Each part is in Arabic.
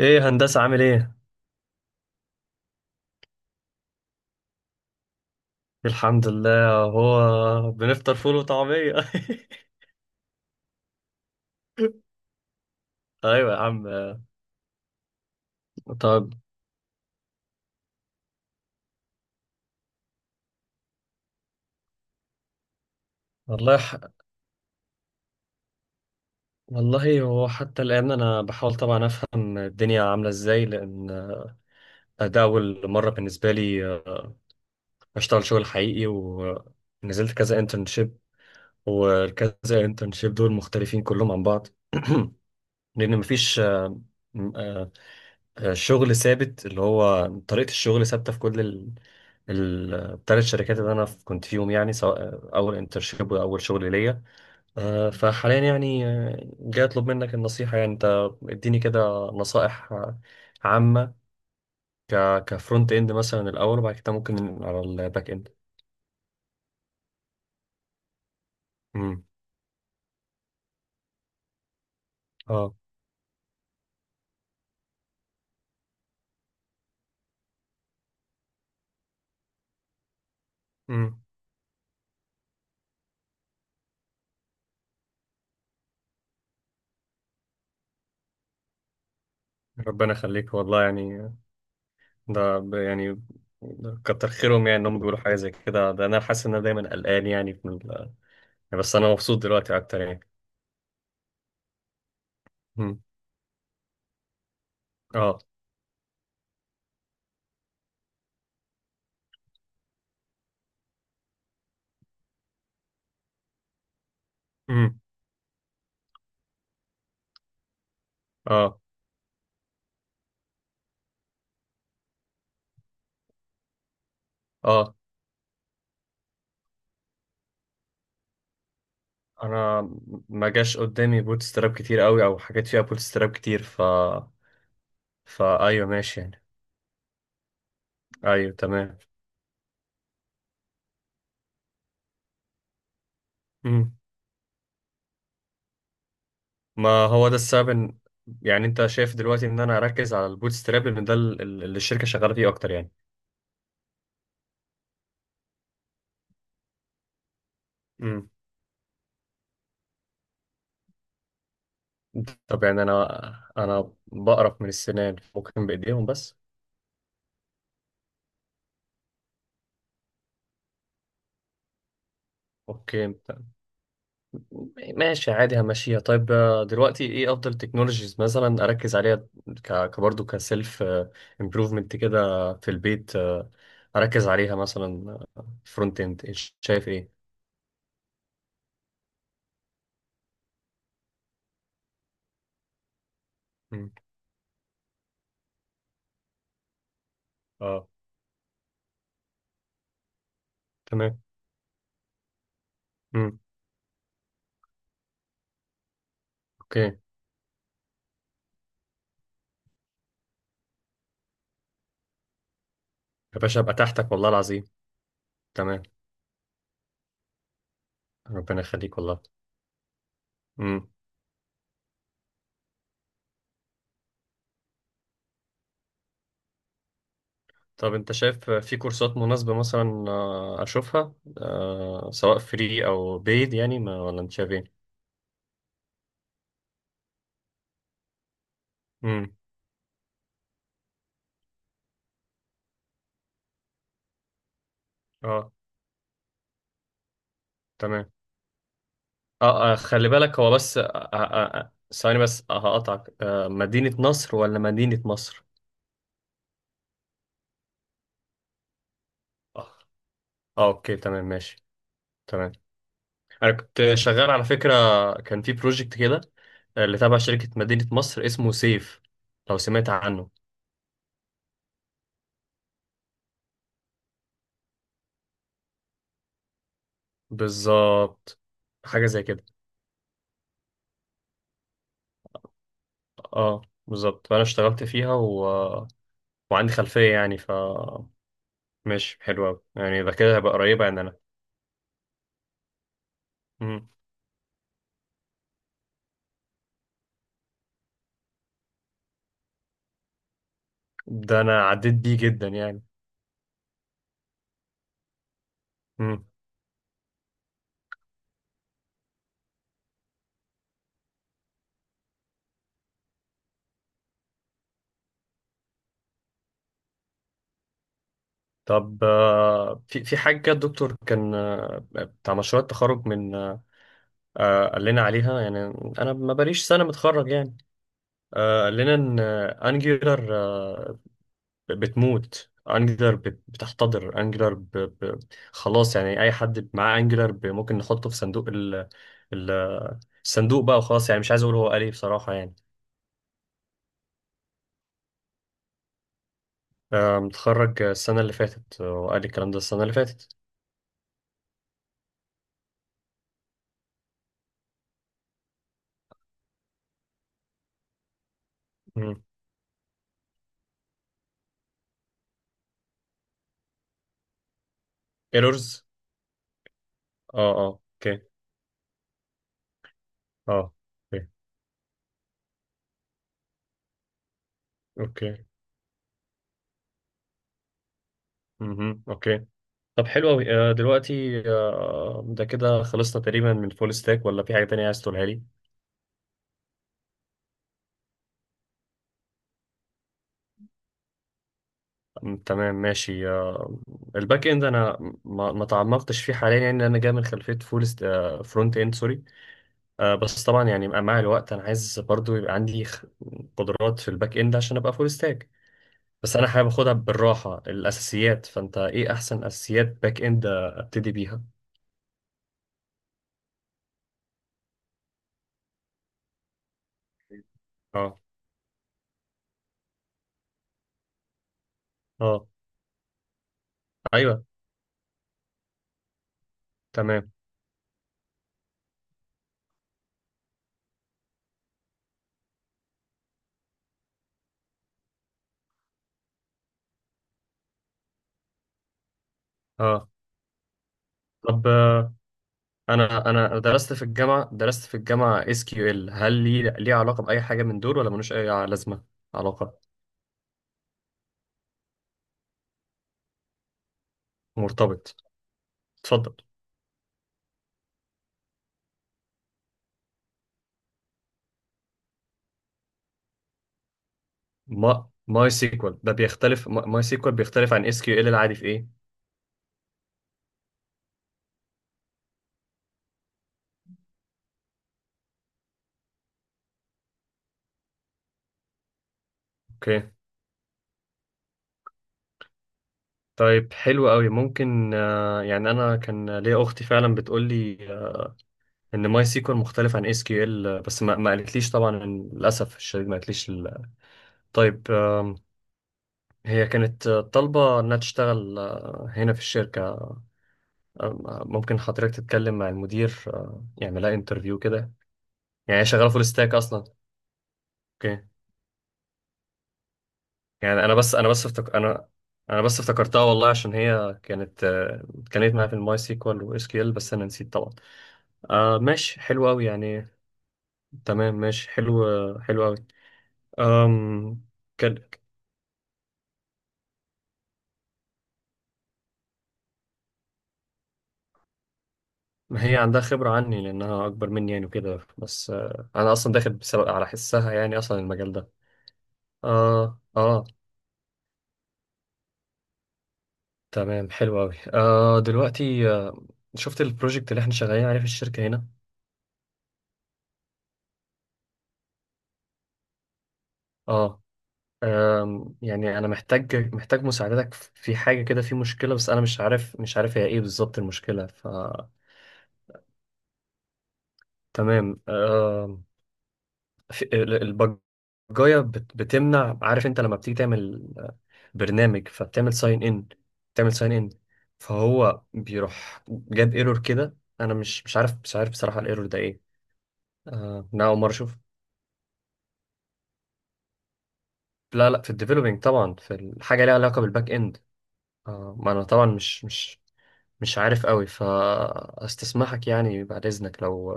ايه هندسة عامل ايه؟ الحمد لله، هو بنفطر فول وطعمية. ايوه يا عم. طب. والله ح... والله هو حتى الان انا بحاول طبعا افهم الدنيا عاملة ازاي، لان ده اول مرة بالنسبة لي اشتغل شغل حقيقي، ونزلت كذا انترنشيب، والكذا انترنشيب دول مختلفين كلهم عن بعض. لان مفيش الشغل ثابت، اللي هو طريقة الشغل ثابتة في كل الثلاث شركات اللي انا كنت فيهم، يعني سواء اول انترشيب واول شغل ليا. فحاليا يعني جاي اطلب منك النصيحة، يعني انت اديني كده نصائح عامة، ك كفرونت اند مثلا الاول، وبعد كده ممكن على الباك اند. امم اه. امم ربنا يخليك والله يعني، يعني كتر خيرهم يعني انهم بيقولوا حاجة زي كده، ده انا حاسس ان انا دايما قلقان يعني. بس انا مبسوط دلوقتي اكتر يعني. مم. اه. مم. اه. اه، انا ما جاش قدامي بوت ستراب كتير قوي او حاجات فيها بوت ستراب كتير ايوه ماشي يعني. ايوه تمام. مم. ما هو ده السبب ان، يعني انت شايف دلوقتي ان انا اركز على البوت ستراب، لان ده اللي الشركه شغاله فيه اكتر يعني. مم. طب يعني انا بقرف من السنان، ممكن بايديهم بس. اوكي ماشي عادي همشيها. طيب دلوقتي ايه افضل تكنولوجيز مثلا اركز عليها، برضه كسيلف امبروفمنت كده في البيت، اركز عليها مثلا. فرونت اند، شايف ايه. مم. اه. تمام. مم. اوكي يا باشا، ابقى تحتك والله العظيم. تمام. ربنا يخليك والله. مم. طب انت شايف في كورسات مناسبة مثلا، اشوفها سواء فري او بيد يعني، ما ولا انت شايف ايه. مم. اه. تمام. اه، خلي بالك هو بس ثواني بس، هقطعك، مدينة نصر ولا مدينة مصر؟ اه، اوكي تمام ماشي. تمام. انا كنت شغال على فكرة، كان في بروجكت كده اللي تابع شركة مدينة مصر اسمه سيف، لو سمعت عنه. بالظبط. حاجة زي كده. اه، بالظبط، فانا اشتغلت فيها وعندي خلفية يعني ماشي حلو أوي يعني، ده كده هبقى قريبة يعني انا. مم. ده انا عديت بيه جدا يعني. طب في حاجة كده، الدكتور كان بتاع مشروع التخرج من قال لنا عليها يعني، أنا ما بقاليش سنة متخرج يعني، قال لنا إن أنجلر بتموت، أنجلر بتحتضر، أنجلر خلاص يعني أي حد معاه أنجلر ممكن نحطه في صندوق ال... الصندوق بقى وخلاص، يعني مش عايز أقول هو قال إيه بصراحة يعني. متخرج السنة اللي فاتت، هو قال الكلام ده السنة اللي فاتت. ايرورز. اه. اه اوكي. اه اوكي. اوكي. مهم. اوكي. طب حلو قوي، دلوقتي ده كده خلصنا تقريبا من الفول ستاك، ولا في حاجه تانية عايز تقولها لي. تمام ماشي. الباك اند انا ما تعمقتش فيه حاليا، يعني انا جاي من خلفيه فول فرونت اند، سوري. بس طبعا يعني مع الوقت انا عايز برضو يبقى عندي قدرات في الباك اند عشان ابقى فول ستاك. بس انا حابب اخدها بالراحه، الاساسيات، فانت ايه احسن اساسيات باك اند ابتدي بيها. اه. اه. ايوه تمام. اه، طب انا درست في الجامعه، اس كيو ال، هل ليه علاقه باي حاجه من دول ولا ملوش اي لازمه. علاقه. مرتبط. اتفضل. ما ماي سيكوال ده بيختلف، ماي سيكوال بيختلف عن اس كيو ال العادي في ايه. اوكي. طيب حلو قوي ممكن، يعني انا كان ليا اختي فعلا بتقول لي ان ماي سيكوال مختلف عن اس كيو ال، بس ما قالتليش طبعا، للاسف الشديد ما قالتليش طيب. هي كانت طالبه انها تشتغل هنا في الشركه، ممكن حضرتك تتكلم مع المدير يعمل لها انترفيو كده. يعني هي شغاله فول ستاك اصلا. اوكي. يعني انا بس انا بس افتك... انا انا بس افتكرتها والله، عشان هي كانت اتكلمت معايا في الماي سيكوال واس كيو ال، بس انا نسيت طبعا. آه ماشي حلو قوي يعني. تمام ماشي حلو. حلو قوي. أم... كان... ما هي عندها خبرة عني لأنها أكبر مني يعني، وكده بس، أنا أصلا داخل بسبب على حسها يعني، أصلا المجال ده. آه آه. تمام حلو قوي، آه دلوقتي آه، شفت البروجكت اللي احنا شغالين عليه في الشركة هنا. اه. يعني انا محتاج مساعدتك في حاجة كده، في مشكلة بس انا مش عارف هي ايه بالظبط المشكلة تمام آه. البجاية بتمنع، عارف انت لما بتيجي تعمل برنامج، فبتعمل ساين ان، بتعمل ساين ان فهو بيروح جاب ايرور كده، انا مش مش عارف مش عارف بصراحة الايرور ده ايه. آه انا اول مرة اشوف. لا لا، في الديفلوبينج طبعا، في الحاجه ليها علاقه بالباك اند. آه ما انا طبعا مش عارف قوي، فاستسمحك يعني بعد اذنك، لو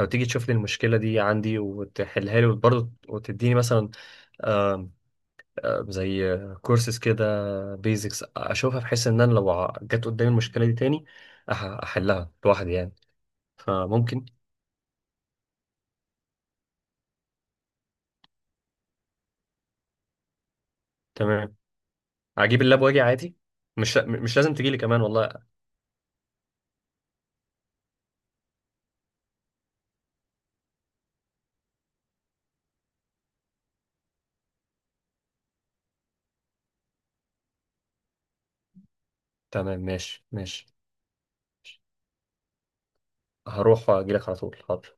لو تيجي تشوف لي المشكله دي عندي وتحلها لي، وبرضه وتديني مثلا آه زي كورسز كده، بيزكس اشوفها، بحيث ان انا لو جت قدامي المشكله دي تاني أح- احلها لوحدي يعني، فممكن. تمام. اجيب اللاب واجي عادي، مش لازم تجيلي كمان والله. تمام ماشي ماشي. هروح واجيلك على طول، حاضر.